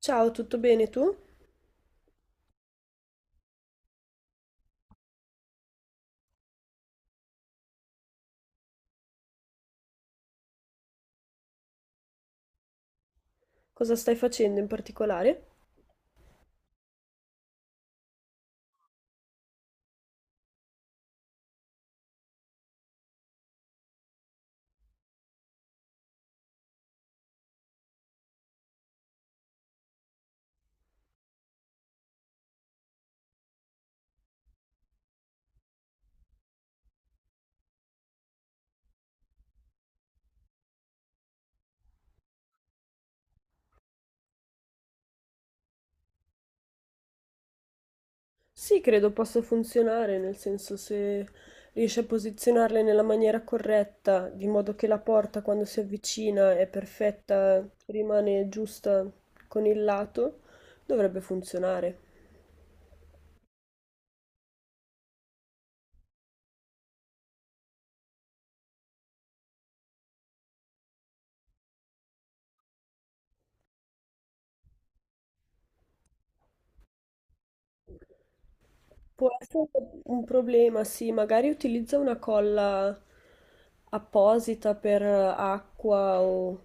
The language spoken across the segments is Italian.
Ciao, tutto bene tu? Cosa stai facendo in particolare? Sì, credo possa funzionare, nel senso se riesci a posizionarle nella maniera corretta, di modo che la porta quando si avvicina è perfetta, rimane giusta con il lato, dovrebbe funzionare. Può essere un problema, sì, magari utilizza una colla apposita per acqua o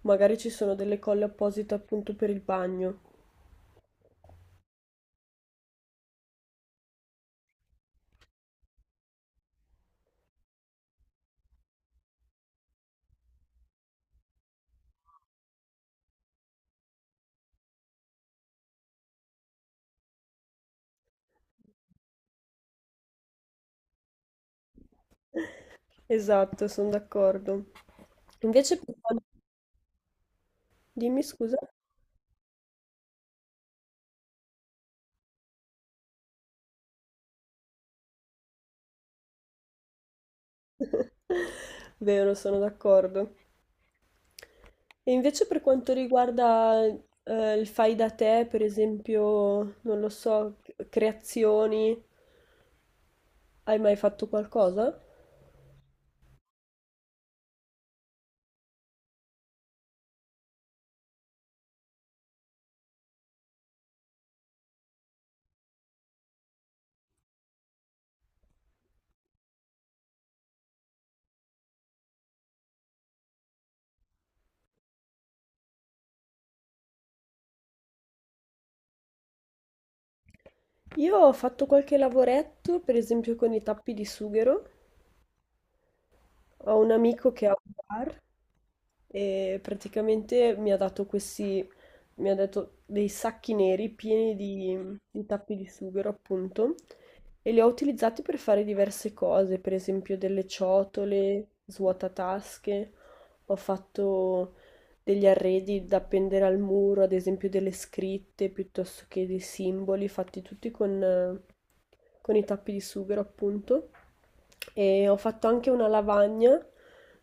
magari ci sono delle colle apposite appunto per il bagno. Esatto, sono d'accordo. Invece, dimmi scusa. Vero, sono d'accordo. E invece per quanto riguarda il fai da te, per esempio, non lo so, creazioni, hai mai fatto qualcosa? Io ho fatto qualche lavoretto, per esempio con i tappi di sughero. Ho un amico che ha un bar e praticamente mi ha dato dei sacchi neri pieni di tappi di sughero, appunto, e li ho utilizzati per fare diverse cose, per esempio delle ciotole, svuotatasche, ho fatto degli arredi da appendere al muro, ad esempio delle scritte, piuttosto che dei simboli, fatti tutti con i tappi di sughero, appunto. E ho fatto anche una lavagna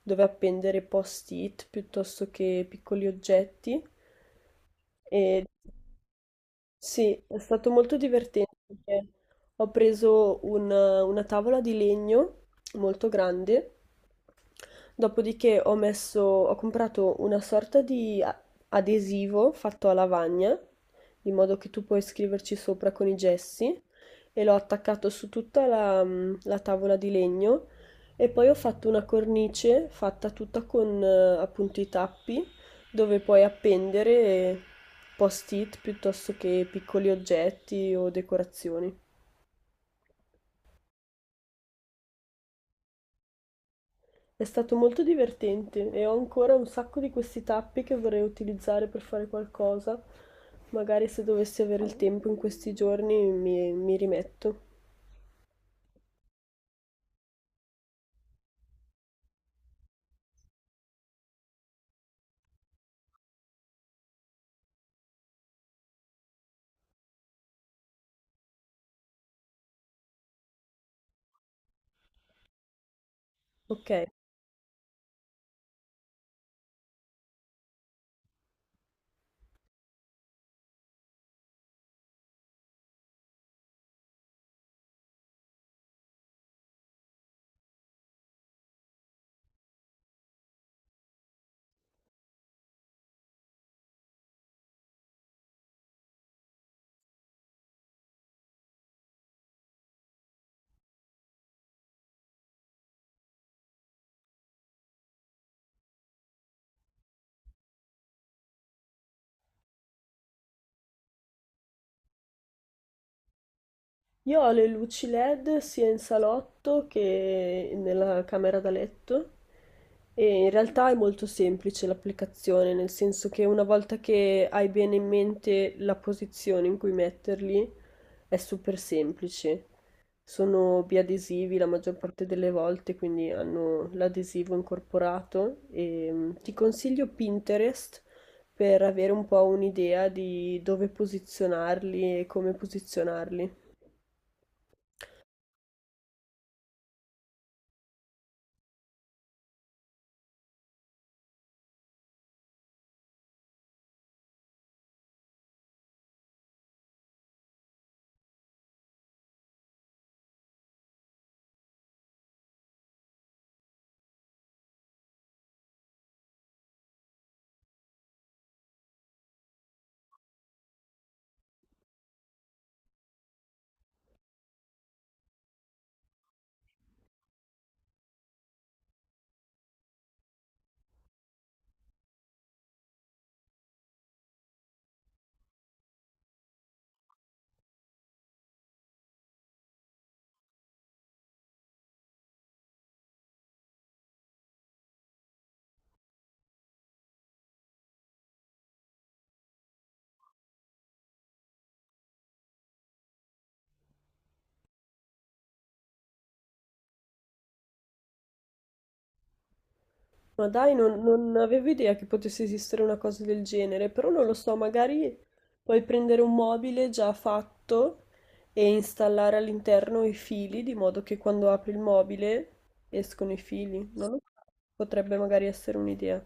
dove appendere post-it piuttosto che piccoli oggetti. E sì, è stato molto divertente perché ho preso una tavola di legno molto grande, dopodiché ho comprato una sorta di adesivo fatto a lavagna, di modo che tu puoi scriverci sopra con i gessi, e l'ho attaccato su tutta la tavola di legno e poi ho fatto una cornice fatta tutta con appunto i tappi dove puoi appendere post-it piuttosto che piccoli oggetti o decorazioni. È stato molto divertente e ho ancora un sacco di questi tappi che vorrei utilizzare per fare qualcosa. Magari se dovessi avere il tempo in questi giorni mi rimetto. Ok? Io ho le luci LED sia in salotto che nella camera da letto e in realtà è molto semplice l'applicazione, nel senso che una volta che hai bene in mente la posizione in cui metterli, è super semplice. Sono biadesivi la maggior parte delle volte, quindi hanno l'adesivo incorporato e ti consiglio Pinterest per avere un po' un'idea di dove posizionarli e come posizionarli. Ma dai, non avevo idea che potesse esistere una cosa del genere, però non lo so, magari puoi prendere un mobile già fatto e installare all'interno i fili, di modo che quando apri il mobile escono i fili. Non lo so, potrebbe magari essere un'idea.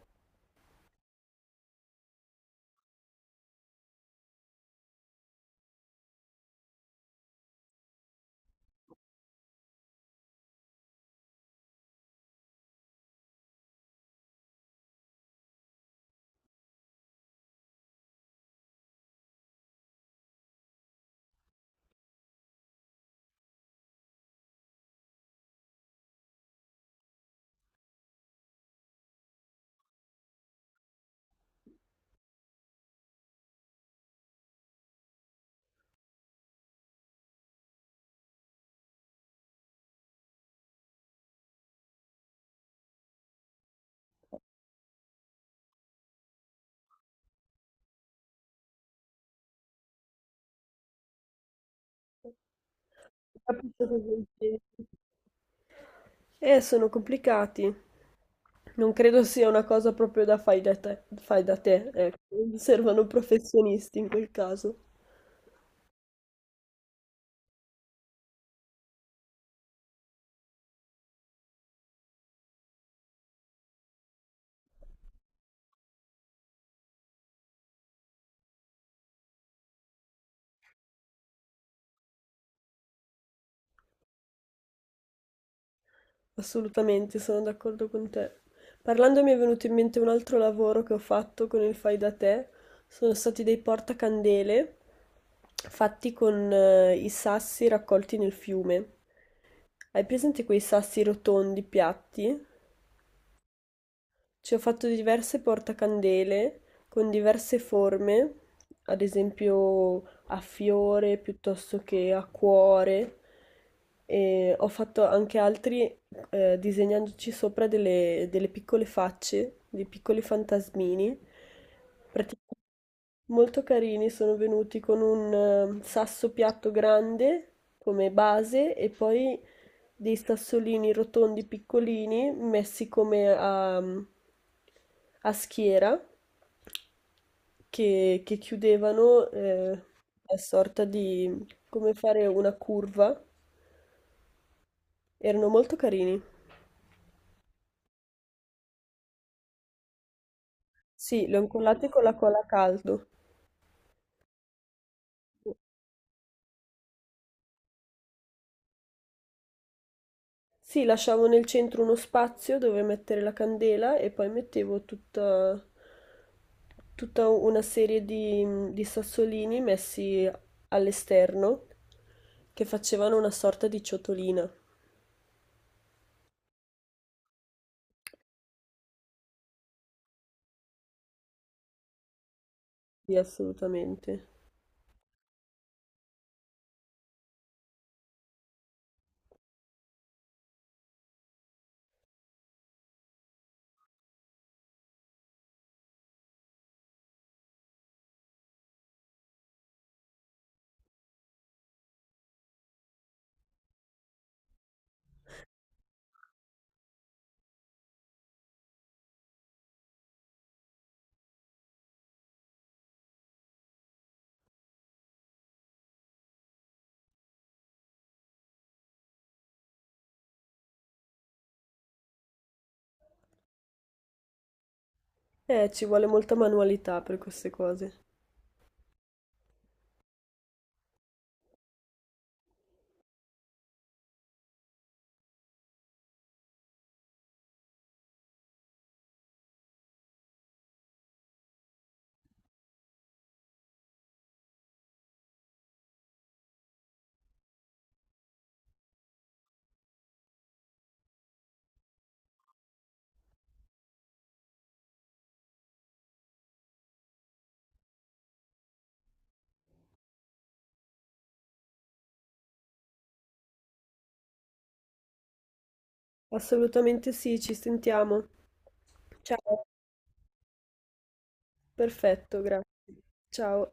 Capito cosa intendi? Sono complicati. Non credo sia una cosa proprio da fai da te, ecco. Servono professionisti in quel caso. Assolutamente, sono d'accordo con te. Parlando mi è venuto in mente un altro lavoro che ho fatto con il fai da te. Sono stati dei portacandele fatti con i sassi raccolti nel fiume. Hai presente quei sassi rotondi piatti? Ci ho fatto diverse portacandele con diverse forme, ad esempio a fiore piuttosto che a cuore, e ho fatto anche altri disegnandoci sopra delle piccole facce, dei piccoli fantasmini. Praticamente molto carini, sono venuti con un sasso piatto grande come base e poi dei sassolini rotondi piccolini messi come a schiera che chiudevano una sorta di come fare una curva. Erano molto carini. Sì, li ho incollati con la colla a caldo. Sì, lasciavo nel centro uno spazio dove mettere la candela e poi mettevo tutta una serie di sassolini messi all'esterno che facevano una sorta di ciotolina. Sì, assolutamente. Ci vuole molta manualità per queste cose. Assolutamente sì, ci sentiamo. Ciao, perfetto, grazie. Ciao.